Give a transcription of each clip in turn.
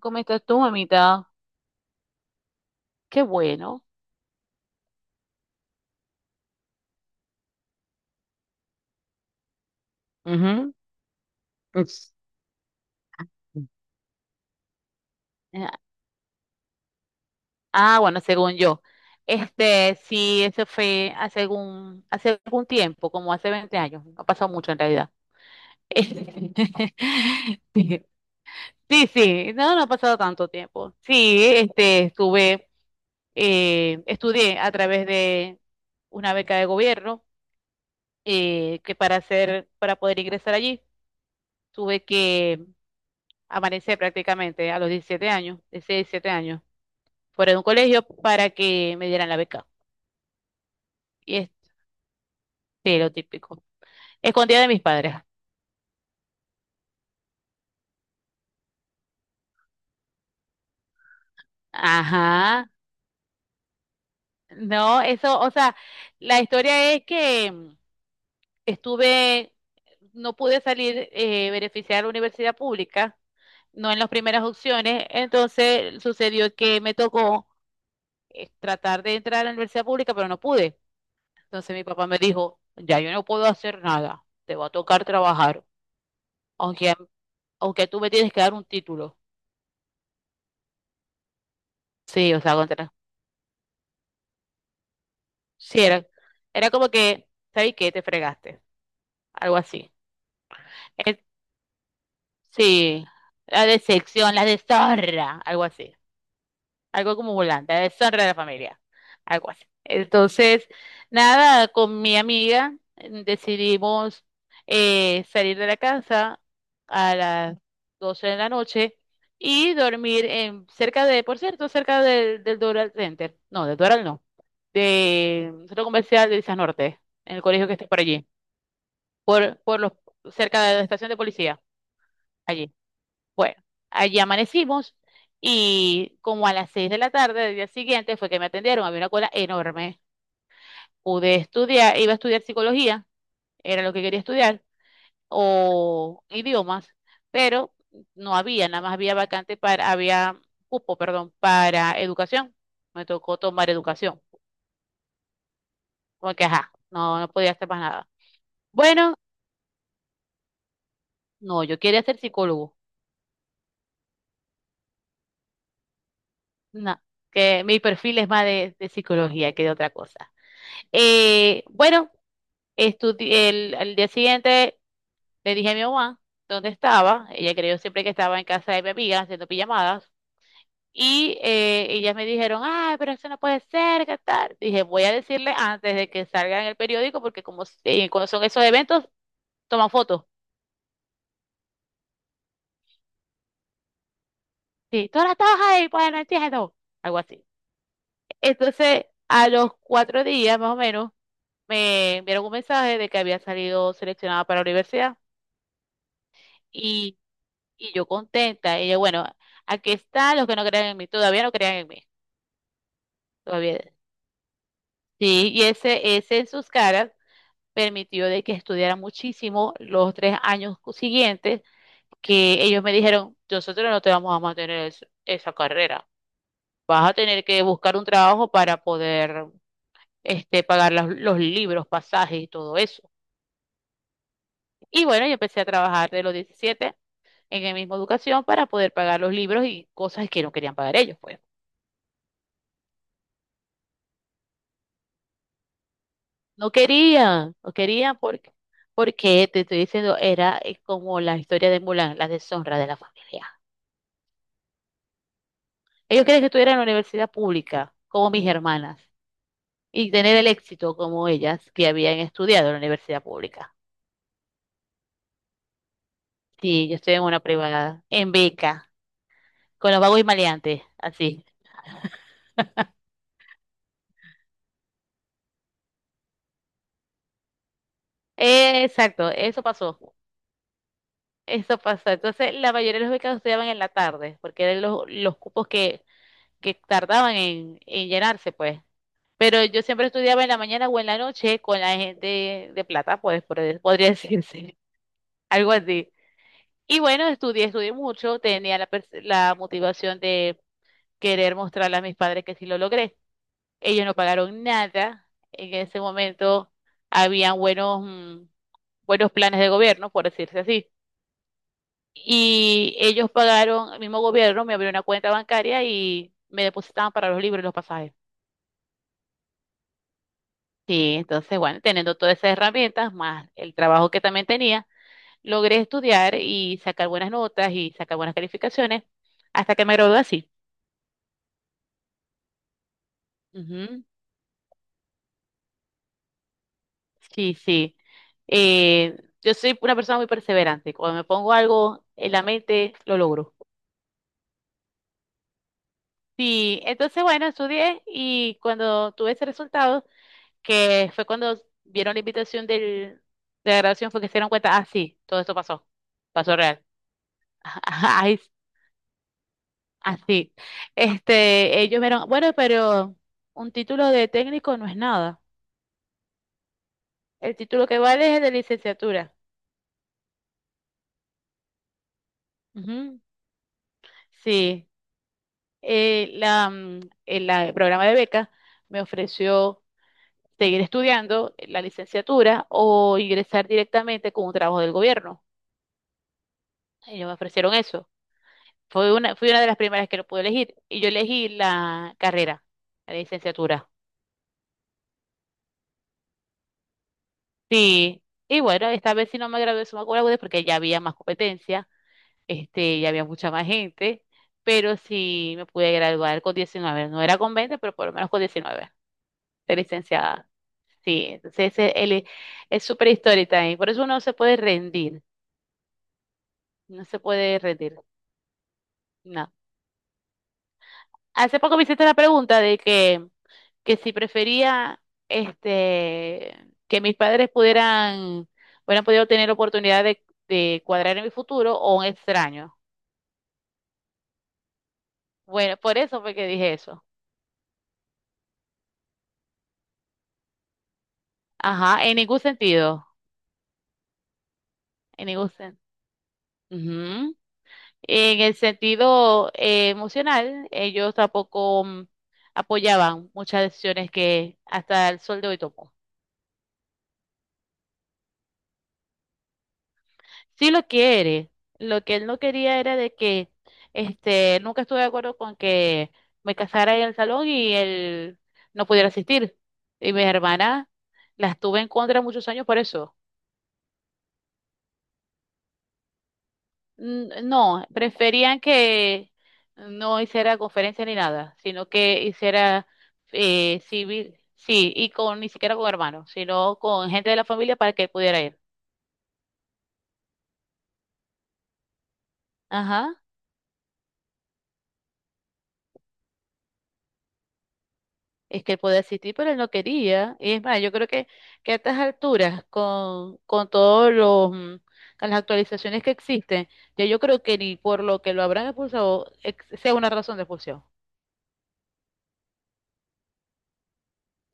¿Cómo estás tú, mamita? Qué bueno. Ujú. Es- Eh, Ah, bueno, según yo. Este, sí, eso fue hace algún tiempo, como hace 20 años. No ha pasado mucho en realidad. Sí, sí, sí, no, no ha pasado tanto tiempo. Sí, este, estudié a través de una beca de gobierno, para poder ingresar allí, tuve que amanecer prácticamente a los 17 años, 16, 17 años, fuera de un colegio para que me dieran la beca. Y este, lo típico. Escondida de mis padres. Ajá. No, eso, o sea, la historia es que estuve, no pude salir beneficiar a la universidad pública, no en las primeras opciones. Entonces sucedió que me tocó tratar de entrar a la universidad pública, pero no pude. Entonces mi papá me dijo, ya yo no puedo hacer nada, te va a tocar trabajar. aunque, aunque tú me tienes que dar un título. Sí, o sea, contra. Sí, era como que, ¿sabes qué? Te fregaste. Algo así. Eh, sí, la decepción, la deshonra, algo así. Algo como volante, la deshonra de la familia. Algo así. Entonces, nada, con mi amiga decidimos salir de la casa a las 12 de la noche y dormir en, cerca de, por cierto, cerca del Doral Center. No, del Doral no. De un centro comercial de Islas Norte, en el colegio que está por allí, por, por los, cerca de la estación de policía, allí. Bueno, allí amanecimos y como a las 6 de la tarde del día siguiente fue que me atendieron, había una cola enorme. Pude estudiar, iba a estudiar psicología, era lo que quería estudiar, o idiomas, pero nada más había vacante para, había cupo, perdón, para educación. Me tocó tomar educación, porque ajá, no podía hacer más nada. Bueno, no, yo quería ser psicólogo. No, que mi perfil es más de psicología que de otra cosa. Bueno, al día siguiente le dije a mi mamá dónde estaba. Ella creyó siempre que estaba en casa de mi amiga haciendo pijamadas. Y ellas me dijeron, ay, pero eso no puede ser, ¿qué tal? Dije, voy a decirle antes de que salga en el periódico, porque como cuando son esos eventos, toman fotos. Sí, tú ahora estabas ahí, pues no entiendo. Algo así. Entonces, a los 4 días más o menos, me enviaron un mensaje de que había salido seleccionada para la universidad y, y yo contenta. Y yo, bueno, aquí están los que no crean en mí, todavía no crean en mí, todavía. Sí, y ese en sus caras permitió de que estudiara muchísimo los 3 años siguientes, que ellos me dijeron, nosotros no te vamos a mantener esa carrera, vas a tener que buscar un trabajo para poder este, pagar los libros, pasajes y todo eso. Y bueno, yo empecé a trabajar de los 17 en el mismo educación para poder pagar los libros y cosas que no querían pagar ellos, pues. No querían, no querían porque, porque te estoy diciendo, era como la historia de Mulan, la deshonra de la familia. Ellos querían que estuviera en la universidad pública, como mis hermanas, y tener el éxito como ellas que habían estudiado en la universidad pública. Sí, yo estoy en una privada, en beca, con los vagos y maleantes, así. Exacto, eso pasó. Eso pasó. Entonces, la mayoría de los becados estudiaban en la tarde, porque eran los cupos que tardaban en llenarse, pues. Pero yo siempre estudiaba en la mañana o en la noche con la gente de plata, pues, podría decirse, algo así. Y bueno, estudié mucho, tenía la motivación de querer mostrarle a mis padres que sí lo logré. Ellos no pagaron nada. En ese momento habían buenos planes de gobierno, por decirse así. Y ellos pagaron, el mismo gobierno me abrió una cuenta bancaria y me depositaban para los libros y los pasajes. Sí, entonces, bueno, teniendo todas esas herramientas, más el trabajo que también tenía, logré estudiar y sacar buenas notas y sacar buenas calificaciones hasta que me gradué así. Ujú, sí, sí. Eh, yo soy una persona muy perseverante. Cuando me pongo algo en la mente, lo logro. Sí, entonces, bueno, estudié y cuando tuve ese resultado, que fue cuando vieron la invitación del, de la graduación, fue que se dieron cuenta, ah, sí, todo esto pasó, pasó real. ¡Ay! Así. Este, ellos vieron, bueno, pero un título de técnico no es nada. El título que vale es el de licenciatura. Ujú. Sí. La, mm, el la- el programa de beca me ofreció seguir estudiando la licenciatura o ingresar directamente con un trabajo del gobierno. Ellos me ofrecieron eso. Fui una de las primeras que lo pude elegir. Y yo elegí la carrera, la licenciatura. Sí. Y bueno, esta vez sí no me gradué de summa cum laude porque ya había más competencia, este, ya había mucha más gente, pero sí me pude graduar con 19. No era con 20, pero por lo menos con 19. De licenciada. Sí, entonces él es súper histórica ahí. Por eso uno no se puede rendir, no se puede rendir, no. Hace poco me hiciste la pregunta de que, si prefería, este, que mis padres pudieran, hubieran podido tener oportunidad de cuadrar en mi futuro o un extraño. Bueno, por eso fue que dije eso. Ajá, en ningún sentido. En ningún sentido. Ujú. En el sentido emocional, ellos tampoco apoyaban muchas decisiones que hasta el sol de hoy tomó. Sí lo quiere. Lo que él no quería era de que, este, nunca estuve de acuerdo con que me casara en el salón y él no pudiera asistir. Y mis hermanas las tuve en contra muchos años por eso. No, preferían que no hiciera conferencia ni nada, sino que hiciera civil, sí, y con ni siquiera con hermanos, sino con gente de la familia para que él pudiera ir. Ajá, es que él podía asistir, pero él no quería. Y es más, yo creo que a estas alturas, con todos con las actualizaciones que existen, ya yo creo que ni por lo que lo habrán expulsado sea una razón de expulsión.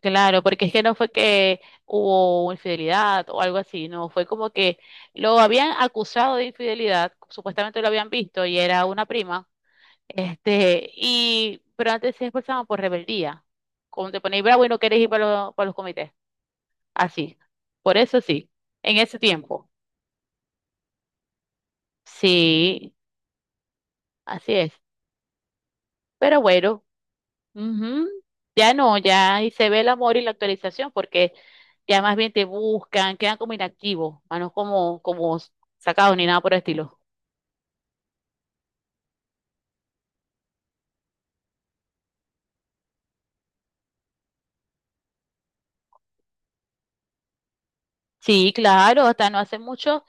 Claro, porque es que no fue que hubo infidelidad o algo así, no, fue como que lo habían acusado de infidelidad, supuestamente lo habían visto y era una prima, este, y, pero antes se expresaban por rebeldía, como te ponéis bravo y no querés ir para los comités, así, por eso sí, en ese tiempo, sí, así es, pero bueno. Ujú. Ya no, ya ahí se ve el amor y la actualización porque ya más bien te buscan, quedan como inactivos, más no como sacados ni nada por el estilo. Sí, claro, hasta no hace mucho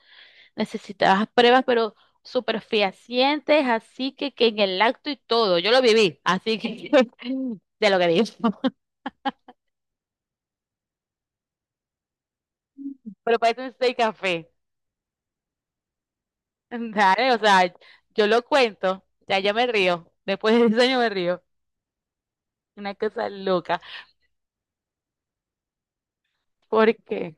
necesitabas pruebas, pero súper fehacientes, así que en el acto y todo, yo lo viví, así que de lo que digo. Pero parece un seis café. Dale, o sea, yo lo cuento, ya me río, después de ese año me río, una cosa loca. ¿Por qué?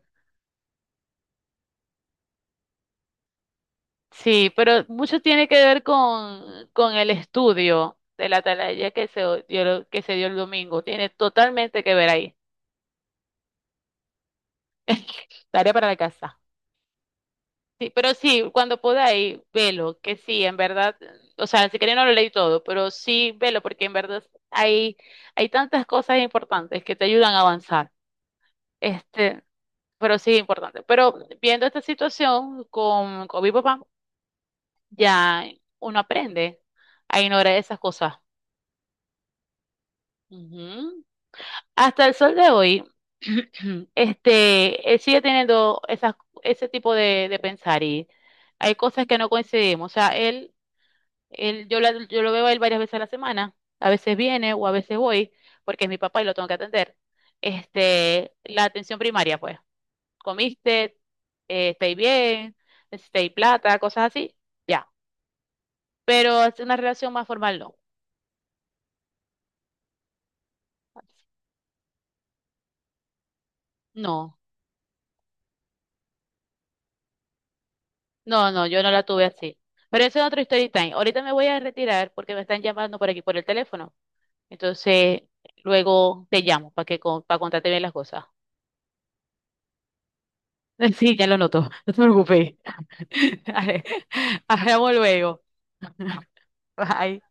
Sí, pero mucho tiene que ver con el estudio de la atalaya que se dio el domingo. Tiene totalmente que ver ahí. Tarea para la casa. Sí, pero sí, cuando podáis, velo, que sí, en verdad, o sea, si queréis no lo leí todo, pero sí, velo, porque en verdad hay, hay tantas cosas importantes que te ayudan a avanzar. Este, pero sí, importante. Pero viendo esta situación con mi papá, ya uno aprende a ignorar esas cosas. Ujú. Hasta el sol de hoy, este, él sigue teniendo esas, ese tipo de pensar, y hay cosas que no coincidimos. O sea, él, yo lo veo a él varias veces a la semana. A veces viene o a veces voy porque es mi papá y lo tengo que atender. Este, la atención primaria, pues. Comiste, estáis bien, necesitáis plata, cosas así, ya. Pero es una relación más formal, no. No. No, no, yo no la tuve así. Pero eso es otro story time. Ahorita me voy a retirar porque me están llamando por aquí por el teléfono. Entonces, luego te llamo para contarte bien las cosas. Sí, ya lo noto. No te preocupes. Dale, hablamos luego. Bye.